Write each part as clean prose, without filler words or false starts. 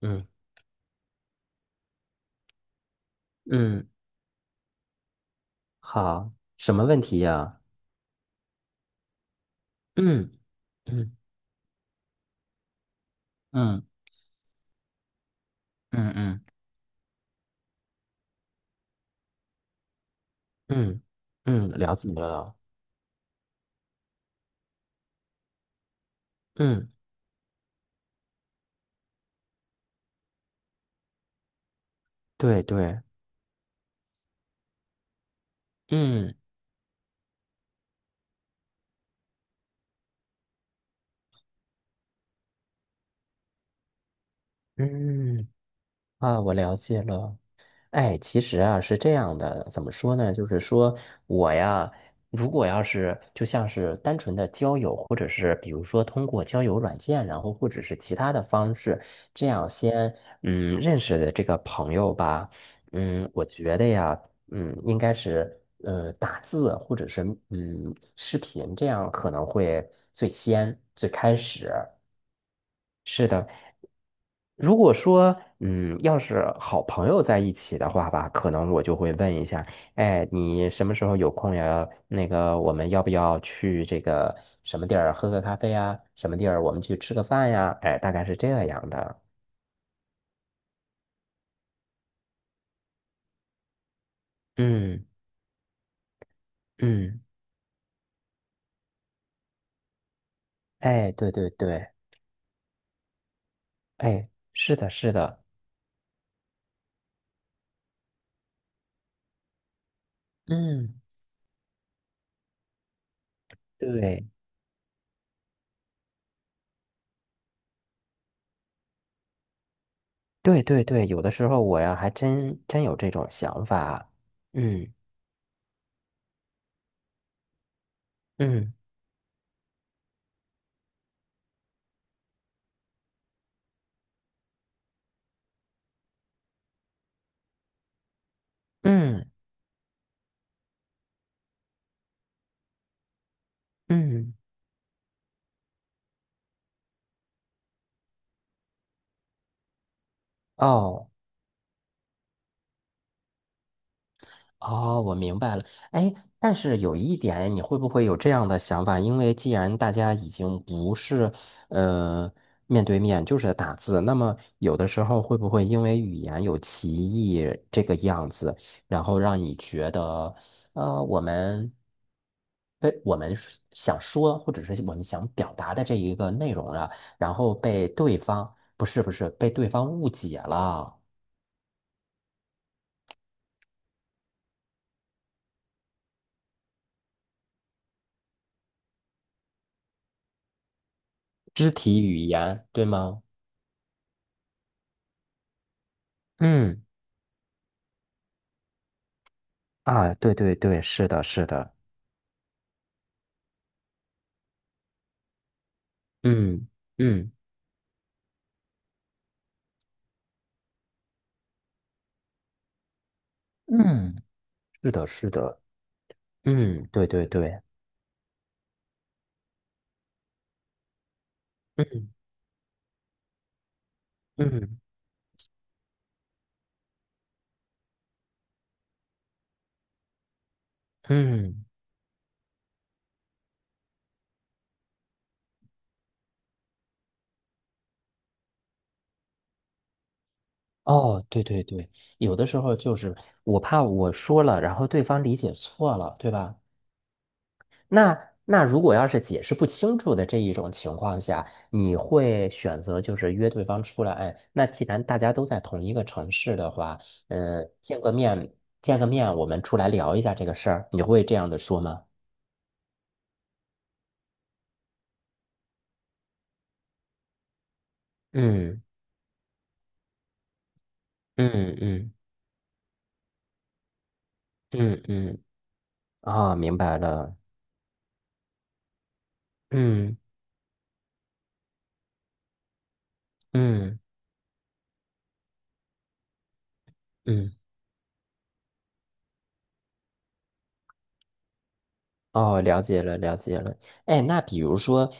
嗯嗯，好，什么问题呀？嗯嗯嗯嗯嗯，嗯嗯，了解了。嗯，对对，嗯嗯啊，我了解了。哎，其实啊是这样的，怎么说呢？就是说我呀，如果要是就像是单纯的交友，或者是比如说通过交友软件，然后或者是其他的方式，这样先认识的这个朋友吧，我觉得呀，应该是打字或者是视频，这样可能会最先最开始。如果说，要是好朋友在一起的话吧，可能我就会问一下，哎，你什么时候有空呀？那个，我们要不要去这个什么地儿喝个咖啡呀？什么地儿我们去吃个饭呀？哎，大概是这样的。嗯嗯，哎，对对对，哎，是的，是的，嗯，对对对对，有的时候我呀，还真真有这种想法。嗯嗯嗯嗯，哦。哦，我明白了。哎，但是有一点，你会不会有这样的想法？因为既然大家已经不是呃面对面，就是打字，那么有的时候会不会因为语言有歧义这个样子，然后让你觉得，我们被我们是想说或者是我们想表达的这一个内容啊，然后被对方，不是不是，被对方误解了，肢体语言，对吗？嗯。啊，对对对，是的，是的，嗯嗯嗯，是的，是的，嗯，对对对。嗯嗯嗯，哦，对对对，有的时候就是我怕我说了，然后对方理解错了，对吧？那如果要是解释不清楚的这一种情况下，你会选择就是约对方出来？哎，那既然大家都在同一个城市的话，呃，见个面，见个面，我们出来聊一下这个事儿，你会这样的说吗？嗯嗯嗯嗯嗯，啊，明白了，嗯嗯嗯。哦，了解了，了解了。哎，那比如说，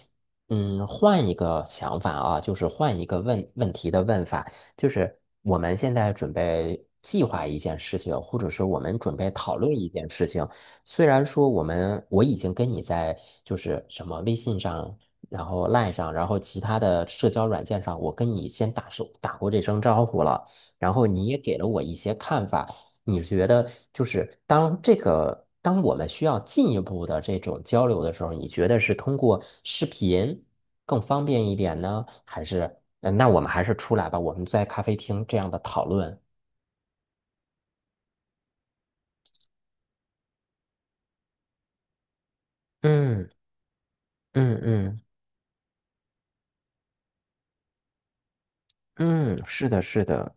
换一个想法啊，就是换一个问问题的问法，就是我们现在准备计划一件事情，或者是我们准备讨论一件事情。虽然说我已经跟你在就是什么微信上，然后 LINE 上，然后其他的社交软件上，我跟你先手打过这声招呼了，然后你也给了我一些看法。你觉得就是当这个，当我们需要进一步的这种交流的时候，你觉得是通过视频更方便一点呢，还是，那我们还是出来吧，我们在咖啡厅这样的讨论。嗯嗯嗯嗯，是的，是的，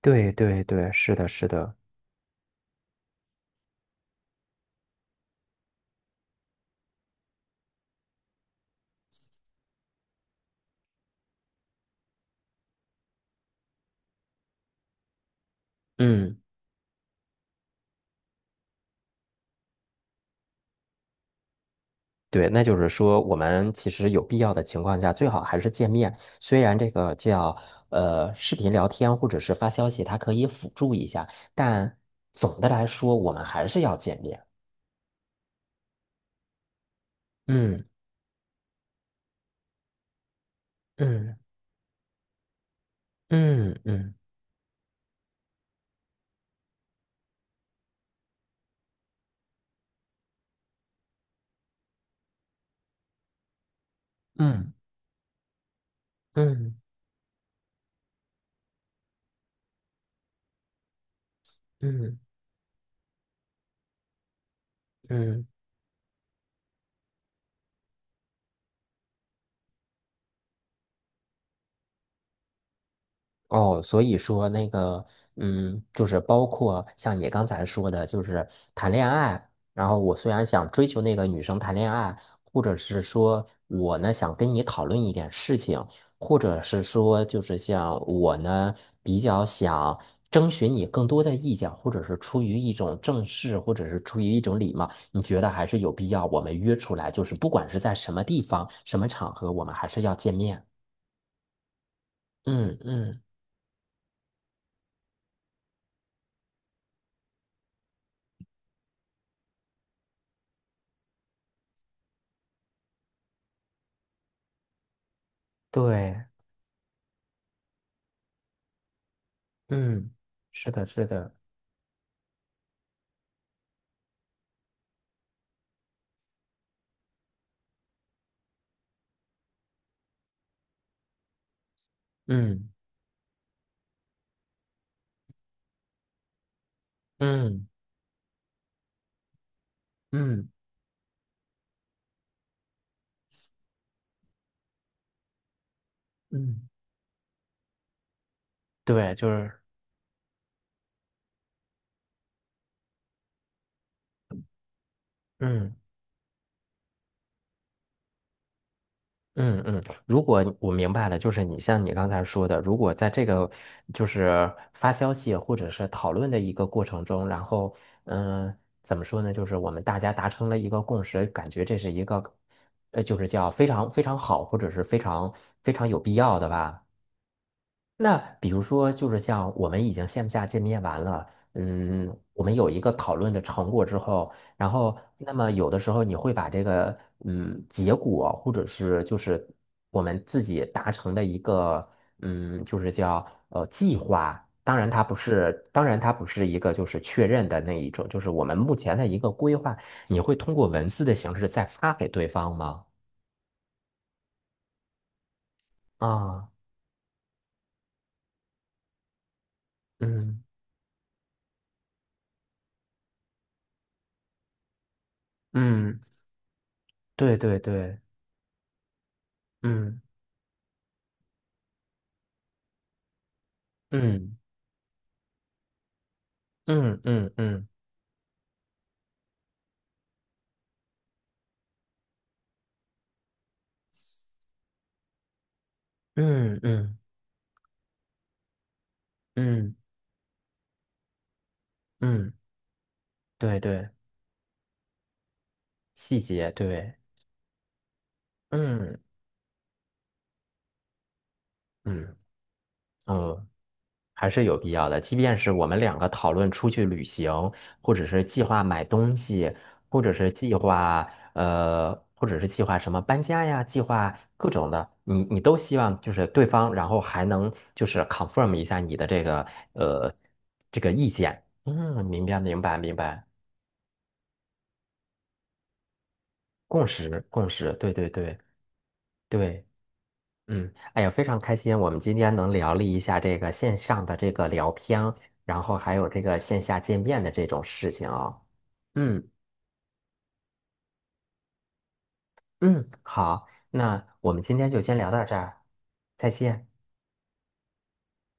对对对，是的，是的，嗯。对，那就是说，我们其实有必要的情况下，最好还是见面。虽然这个叫视频聊天或者是发消息，它可以辅助一下，但总的来说，我们还是要见面。嗯嗯嗯嗯嗯嗯嗯嗯嗯。哦，所以说那个，就是包括像你刚才说的，就是谈恋爱。然后我虽然想追求那个女生谈恋爱，或者是说我呢想跟你讨论一点事情，或者是说就是像我呢比较想征询你更多的意见，或者是出于一种正式，或者是出于一种礼貌，你觉得还是有必要我们约出来，就是不管是在什么地方、什么场合，我们还是要见面。嗯嗯，对。嗯，是的，是的，嗯嗯嗯嗯，对，就是嗯嗯嗯。如果我明白了，就是像你刚才说的，如果在这个就是发消息或者是讨论的一个过程中，然后嗯、呃怎么说呢？就是我们大家达成了一个共识，感觉这是一个就是叫非常非常好，或者是非常非常有必要的吧。那比如说，就是像我们已经线下见面完了，我们有一个讨论的成果之后，然后那么有的时候你会把这个结果，或者是就是我们自己达成的一个就是叫计划，当然它不是一个就是确认的那一种，就是我们目前的一个规划，你会通过文字的形式再发给对方吗？啊，嗯嗯，对对对，嗯嗯。嗯嗯嗯嗯嗯嗯嗯，对对，细节对，嗯嗯嗯，还是有必要的。即便是我们两个讨论出去旅行，或者是计划买东西，或者是计划或者是计划什么搬家呀，计划各种的，你都希望就是对方，然后还能就是 confirm 一下你的呃这个意见。嗯，明白明白明白，共识共识，对对对。对嗯，哎呀，非常开心，我们今天能聊了一下这个线上的这个聊天，然后还有这个线下见面的这种事情哦。嗯嗯，好，那我们今天就先聊到这儿，再见。